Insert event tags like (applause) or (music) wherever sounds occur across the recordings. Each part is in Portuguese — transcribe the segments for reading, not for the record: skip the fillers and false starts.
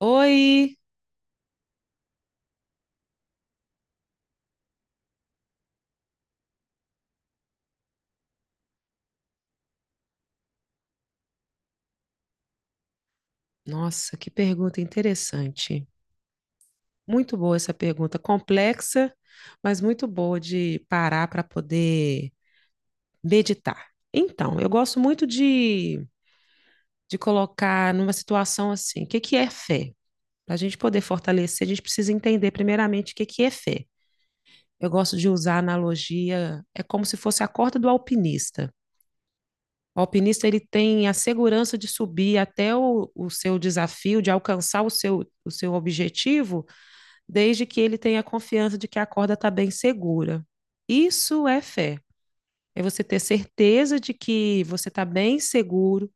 Oi! Nossa, que pergunta interessante. Muito boa essa pergunta, complexa, mas muito boa de parar para poder meditar. Então, eu gosto muito de colocar numa situação assim, o que que é fé? Para a gente poder fortalecer, a gente precisa entender primeiramente o que que é fé. Eu gosto de usar a analogia, é como se fosse a corda do alpinista. O alpinista ele tem a segurança de subir até o seu desafio, de alcançar o seu objetivo, desde que ele tenha confiança de que a corda está bem segura. Isso é fé. É você ter certeza de que você está bem seguro,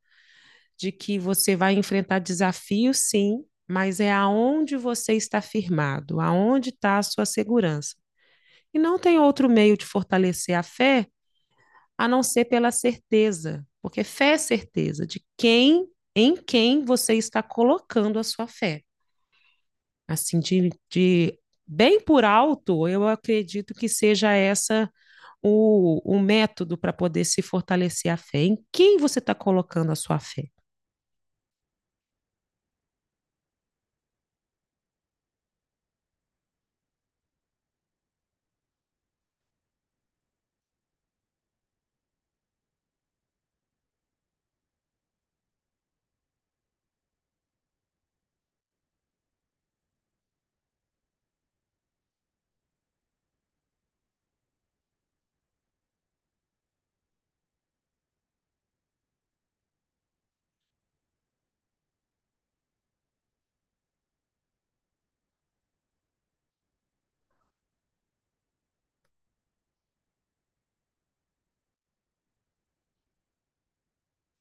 de que você vai enfrentar desafios, sim, mas é aonde você está firmado, aonde está a sua segurança. E não tem outro meio de fortalecer a fé a não ser pela certeza, porque fé é certeza de quem, em quem você está colocando a sua fé. Assim, de bem por alto, eu acredito que seja essa o método para poder se fortalecer a fé. Em quem você está colocando a sua fé?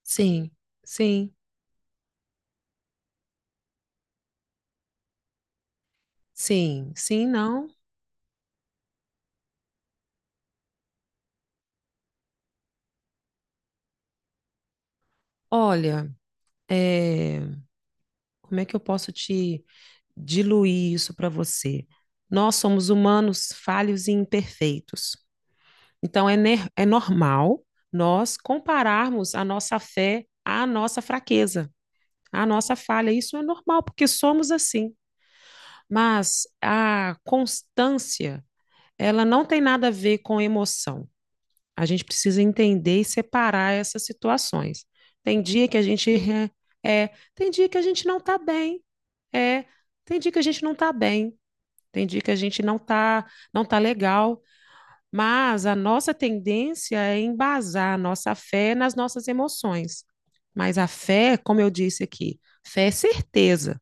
Sim, sim, sim, sim, não. Olha, é, como é que eu posso te diluir isso para você? Nós somos humanos falhos e imperfeitos. Então, é normal nós compararmos a nossa fé à nossa fraqueza, à nossa falha. Isso é normal, porque somos assim. Mas a constância, ela não tem nada a ver com emoção. A gente precisa entender e separar essas situações. Tem dia que a gente (laughs) tem dia que a gente não está bem, é, tem dia que a gente não está bem, tem dia que a gente não está não tá legal. Mas a nossa tendência é embasar a nossa fé nas nossas emoções. Mas a fé, como eu disse aqui, fé é certeza.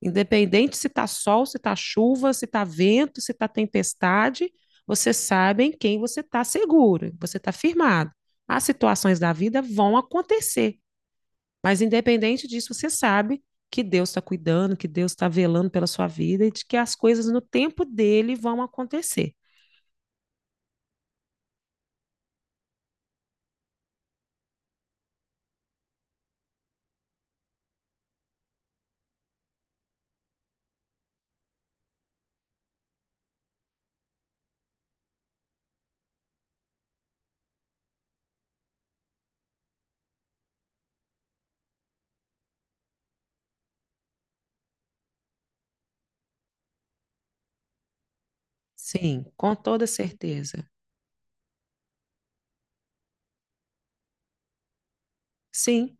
Independente se está sol, se está chuva, se está vento, se está tempestade, você sabe em quem você está seguro, você está firmado. As situações da vida vão acontecer, mas independente disso, você sabe que Deus está cuidando, que Deus está velando pela sua vida e de que as coisas no tempo dele vão acontecer. Sim, com toda certeza. Sim,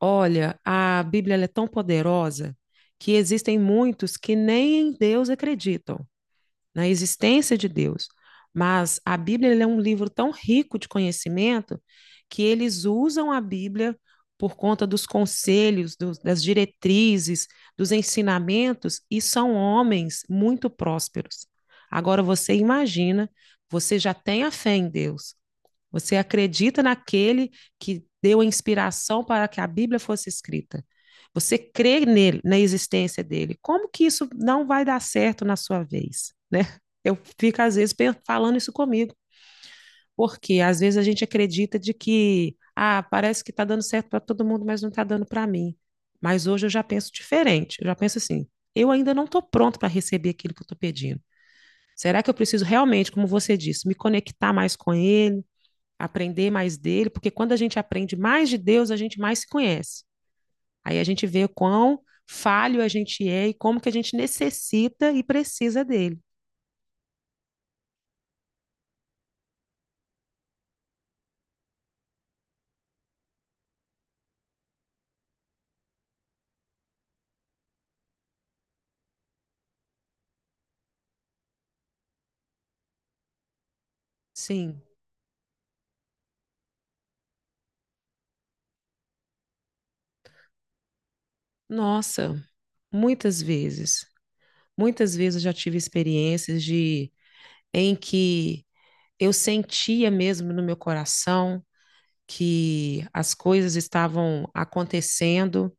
olha, a Bíblia ela é tão poderosa que existem muitos que nem em Deus acreditam, na existência de Deus. Mas a Bíblia ela é um livro tão rico de conhecimento que eles usam a Bíblia por conta dos conselhos, das diretrizes, dos ensinamentos, e são homens muito prósperos. Agora você imagina, você já tem a fé em Deus, você acredita naquele que deu a inspiração para que a Bíblia fosse escrita. Você crê nele, na existência dele. Como que isso não vai dar certo na sua vez, né? Eu fico às vezes falando isso comigo, porque às vezes a gente acredita de que, ah, parece que está dando certo para todo mundo, mas não está dando para mim. Mas hoje eu já penso diferente. Eu já penso assim: eu ainda não estou pronto para receber aquilo que eu estou pedindo. Será que eu preciso realmente, como você disse, me conectar mais com ele? Aprender mais dele, porque quando a gente aprende mais de Deus, a gente mais se conhece. Aí a gente vê quão falho a gente é e como que a gente necessita e precisa dele. Sim. Nossa, muitas vezes, muitas vezes eu já tive experiências de em que eu sentia mesmo no meu coração que as coisas estavam acontecendo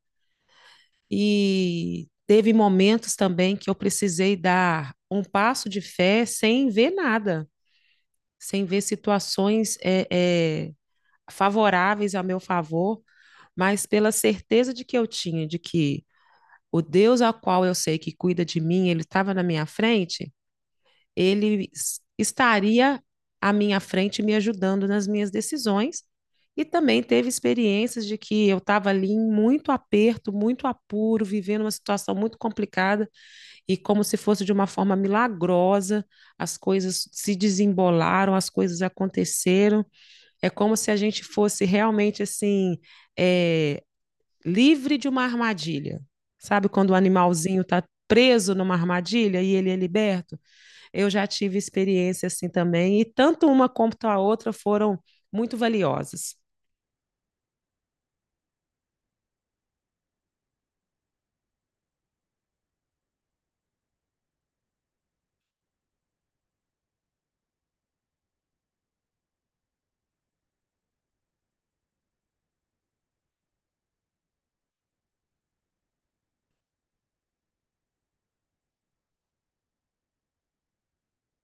e teve momentos também que eu precisei dar um passo de fé sem ver nada, sem ver situações é, favoráveis a meu favor, mas pela certeza de que eu tinha de que o Deus ao qual eu sei que cuida de mim, ele estava na minha frente, ele estaria à minha frente me ajudando nas minhas decisões. E também teve experiências de que eu estava ali em muito aperto, muito apuro, vivendo uma situação muito complicada e como se fosse de uma forma milagrosa, as coisas se desembolaram, as coisas aconteceram é como se a gente fosse realmente assim, é, livre de uma armadilha. Sabe quando o animalzinho está preso numa armadilha e ele é liberto? Eu já tive experiência assim também, e tanto uma quanto a outra foram muito valiosas.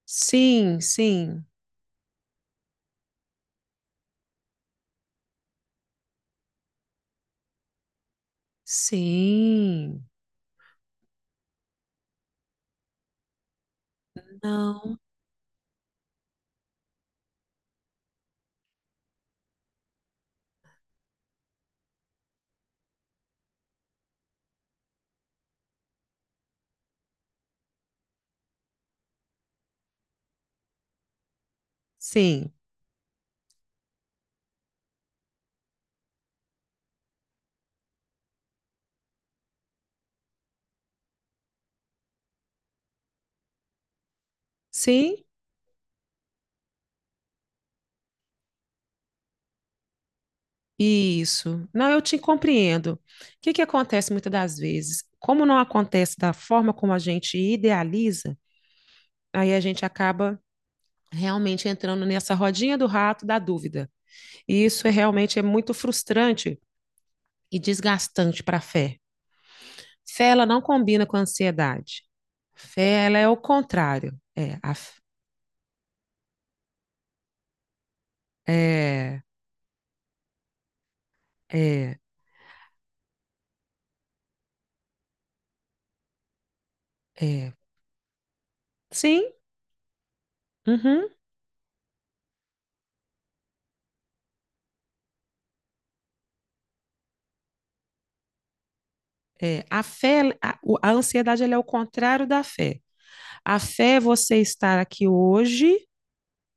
Sim, sim, sim. Não. Sim, sim, isso. Não, eu te compreendo. O que que acontece muitas das vezes? Como não acontece da forma como a gente idealiza, aí a gente acaba realmente entrando nessa rodinha do rato da dúvida. E isso é realmente muito frustrante e desgastante para a fé. Fé ela não combina com a ansiedade. Fé ela é o contrário. É, a, é, é, é. Sim, uhum. É, a fé, a ansiedade ela é o contrário da fé. A fé é você estar aqui hoje.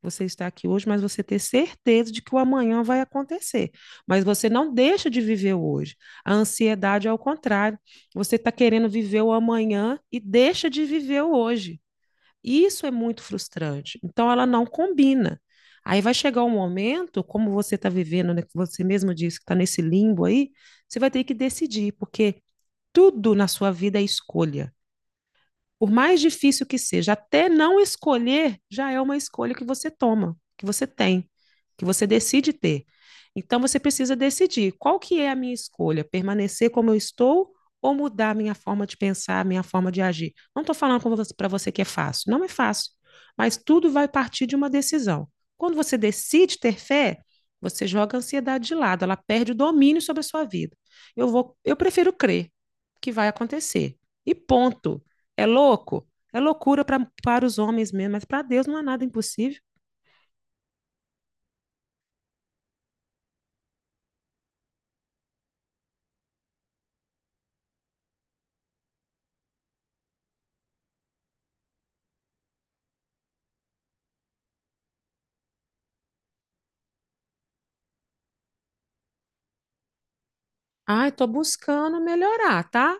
Você está aqui hoje, mas você ter certeza de que o amanhã vai acontecer. Mas você não deixa de viver o hoje. A ansiedade é o contrário. Você está querendo viver o amanhã e deixa de viver o hoje. Isso é muito frustrante. Então, ela não combina. Aí vai chegar um momento, como você está vivendo, né, que você mesmo disse que está nesse limbo aí, você vai ter que decidir, porque tudo na sua vida é escolha, por mais difícil que seja, até não escolher já é uma escolha que você toma, que você tem, que você decide ter. Então você precisa decidir qual que é a minha escolha, permanecer como eu estou ou mudar a minha forma de pensar, a minha forma de agir. Não estou falando para você que é fácil, não é fácil, mas tudo vai partir de uma decisão. Quando você decide ter fé, você joga a ansiedade de lado, ela perde o domínio sobre a sua vida. Eu vou, eu prefiro crer que vai acontecer. E ponto. É louco? É loucura pra, para os homens mesmo, mas para Deus não há nada impossível. Ai, tô buscando melhorar, tá?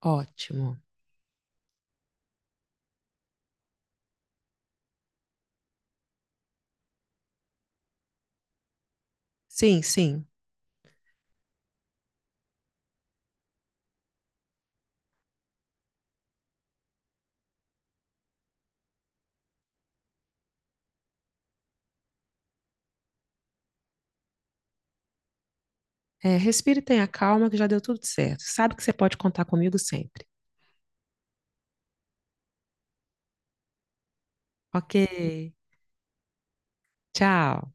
Ótimo. Sim, sim. É, respire e tenha calma, que já deu tudo certo. Sabe que você pode contar comigo sempre. Ok. Tchau.